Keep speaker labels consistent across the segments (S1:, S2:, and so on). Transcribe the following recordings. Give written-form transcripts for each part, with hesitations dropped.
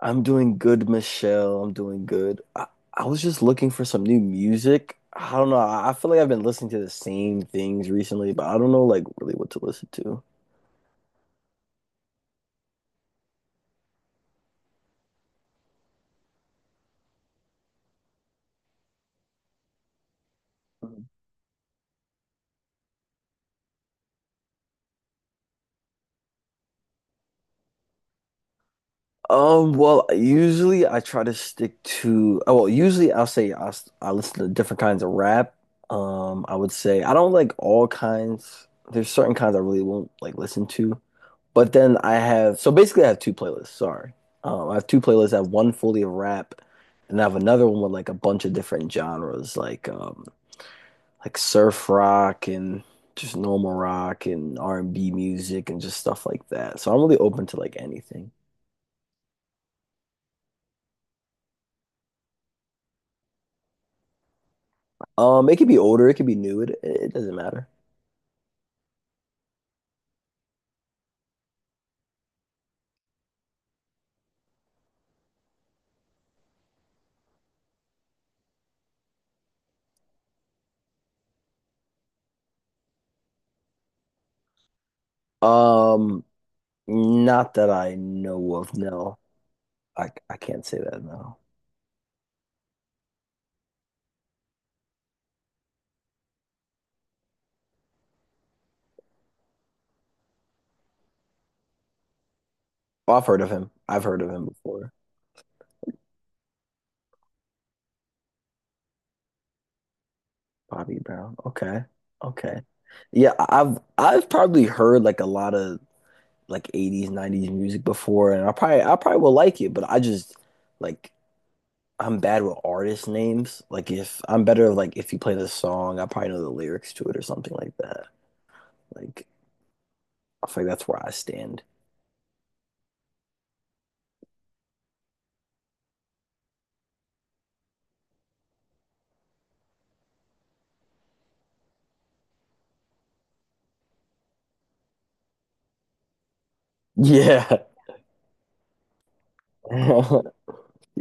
S1: I'm doing good, Michelle. I'm doing good. I was just looking for some new music. I don't know. I feel like I've been listening to the same things recently, but I don't know like really what to listen to. Well, usually I try to stick to, oh, well, usually I'll say I listen to different kinds of rap. I would say I don't like all kinds. There's certain kinds I really won't like listen to. But then I have so basically I have two playlists. I have two playlists. I have one fully of rap, and I have another one with like a bunch of different genres, like surf rock and just normal rock and R and B music and just stuff like that. So I'm really open to like anything. It could be older, it could be new. It doesn't matter. Um, Not that I know of. No, I can't say that. No, I've heard of him. I've heard of him before. Bobby Brown. Okay. Okay. Yeah, I've probably heard like a lot of like 80s, 90s music before and I probably will like it, but I just like I'm bad with artist names. Like if I'm better like if you play the song, I probably know the lyrics to it or something like that. Like I feel like that's where I stand. Yeah.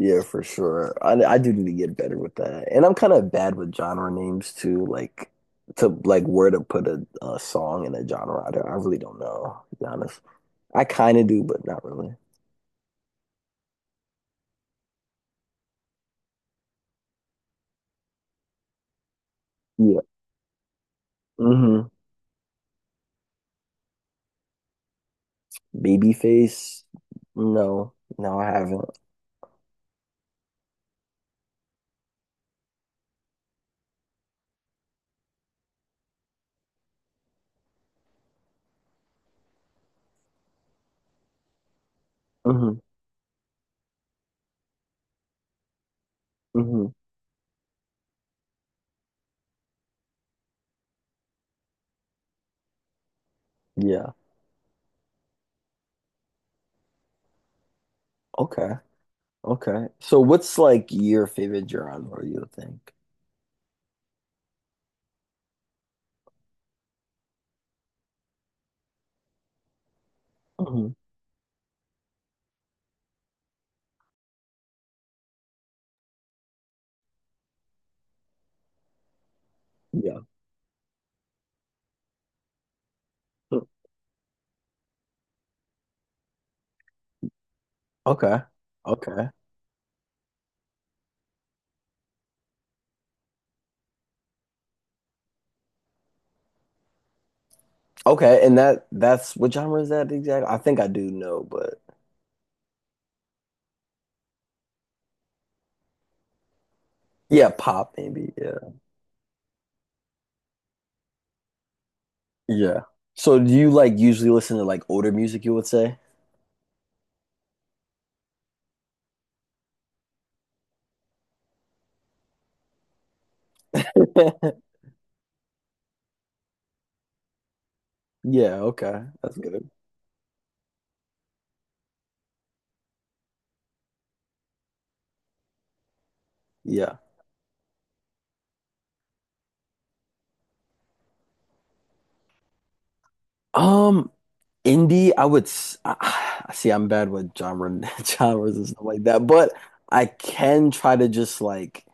S1: Yeah, for sure. I do need to get better with that. And I'm kind of bad with genre names too, like to like where to put a song in a genre. I really don't know, to be honest. I kind of do, but not really. Yeah. Mm-hmm. Babyface? No. No, I haven't. Mm-hmm. Mm-hmm. Yeah. Okay. Okay. So what's like your favorite genre, you think? hmm Yeah. Okay. Okay. Okay. And that that's what genre is that exactly? I think I do know, but yeah, pop maybe. Yeah. Yeah. So do you like usually listen to like older music, you would say? Yeah, okay. That's good. Yeah. Um, Indie, I would s- I- see I'm bad with genre genres and stuff like that, but I can try to just like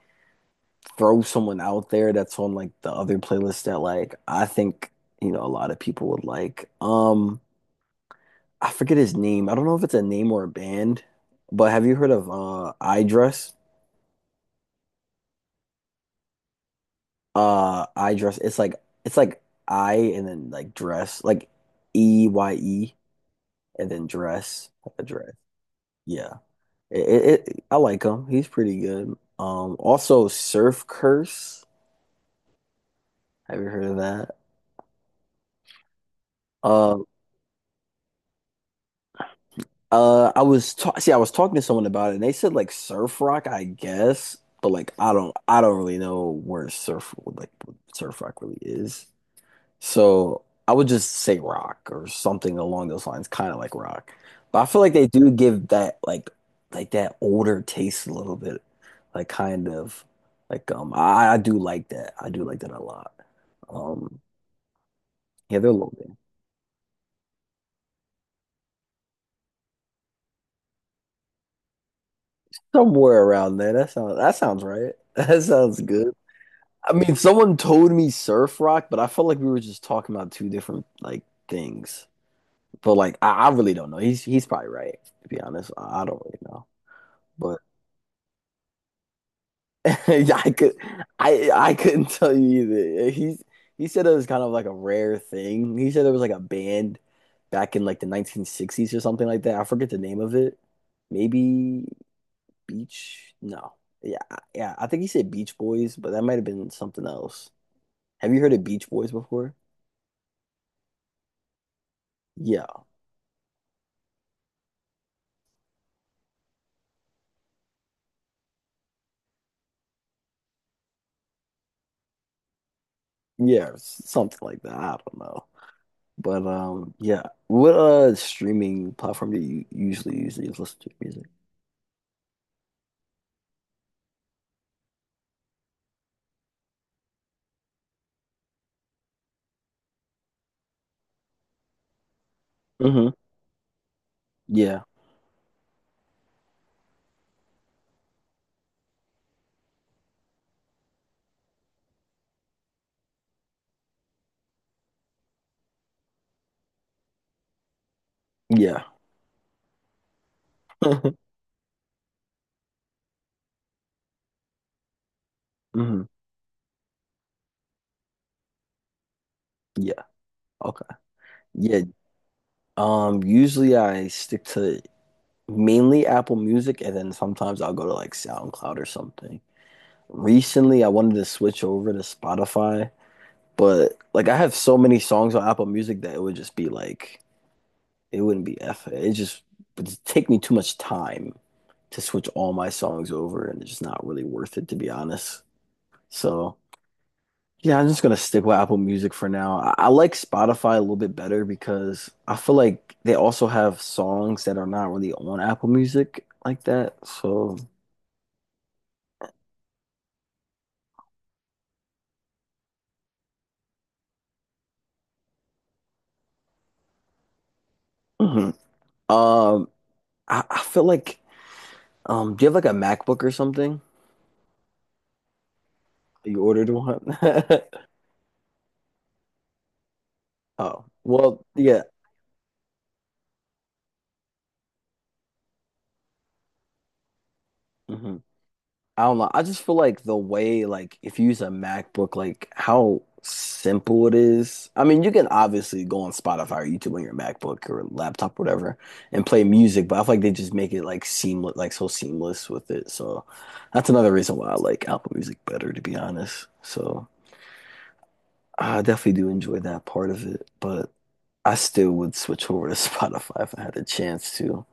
S1: throw someone out there that's on like the other playlist that like I think, you know, a lot of people would like. I forget his name. I don't know if it's a name or a band, but have you heard of iDress? I dress. It's like I and then like dress, like Eye and then dress, like a dress. Yeah, I like him. He's pretty good. Also Surf Curse. Have you heard of that? Uh, I was ta See, I was talking to someone about it, and they said like surf rock, I guess, but like I don't really know where surf like what surf rock really is. So I would just say rock or something along those lines, kind of like rock. But I feel like they do give that like that older taste a little bit, like kind of like I do like that. I do like that a lot. Um yeah, they're a little bit somewhere around there. That sounds right. That sounds good. I mean, someone told me surf rock, but I felt like we were just talking about two different like things. But like I really don't know. He's probably right, to be honest. I don't really know. Yeah, I could, I couldn't tell you either. Yeah, he said it was kind of like a rare thing. He said there was like a band back in like the 1960s or something like that. I forget the name of it. Maybe Beach? No. Yeah. I think he said Beach Boys, but that might have been something else. Have you heard of Beach Boys before? Yeah, something like that. I don't know, but yeah. What streaming platform do you usually listen to music? hmm Yeah, yeah. hmm Yeah. Okay. Yeah. Usually I stick to mainly Apple Music and then sometimes I'll go to like SoundCloud or something. Recently I wanted to switch over to Spotify, but like I have so many songs on Apple Music that it would just be like it wouldn't be F it just would just take me too much time to switch all my songs over and it's just not really worth it to be honest. So yeah, I'm just gonna stick with Apple Music for now. I like Spotify a little bit better because I feel like they also have songs that are not really on Apple Music like that. So, mhm. Um, I feel like do you have like a MacBook or something? You ordered one? Oh, well, yeah. Mhm. I don't know. I just feel like the way, like, if you use a MacBook, like how simple it is. I mean, you can obviously go on Spotify or YouTube on your MacBook or laptop, whatever, and play music, but I feel like they just make it like seamless, like so seamless with it. So that's another reason why I like Apple Music better, to be honest. So I definitely do enjoy that part of it, but I still would switch over to Spotify if I had a chance to.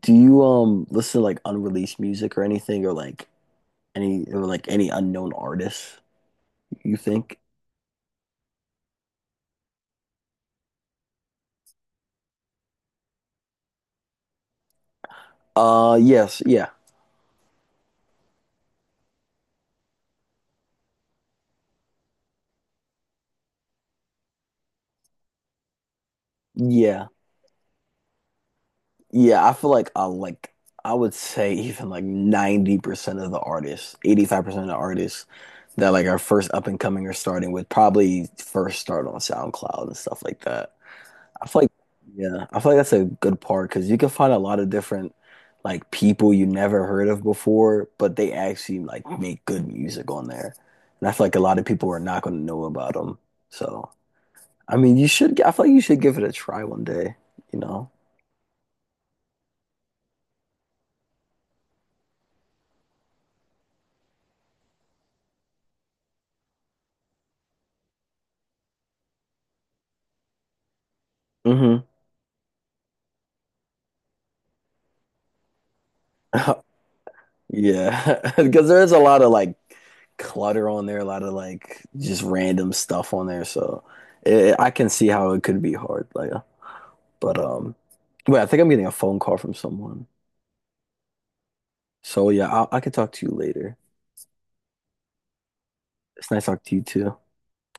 S1: Do you listen to like unreleased music or anything, or like any unknown artists, you think? Yes, yeah. Yeah. Yeah, I feel like I would say even like 90% of the artists, 85% of the artists that like are first up and coming or starting with probably first start on SoundCloud and stuff like that. I feel like yeah, I feel like that's a good part because you can find a lot of different like people you never heard of before, but they actually like make good music on there. And I feel like a lot of people are not going to know about them. So I mean, you should. I feel like you should give it a try one day. You know. hmm Yeah, because there is a lot of like clutter on there, a lot of like just random stuff on there. So it, I can see how it could be hard. Like, but wait, I think I'm getting a phone call from someone. So yeah, I could talk to you later. It's nice talking to you too.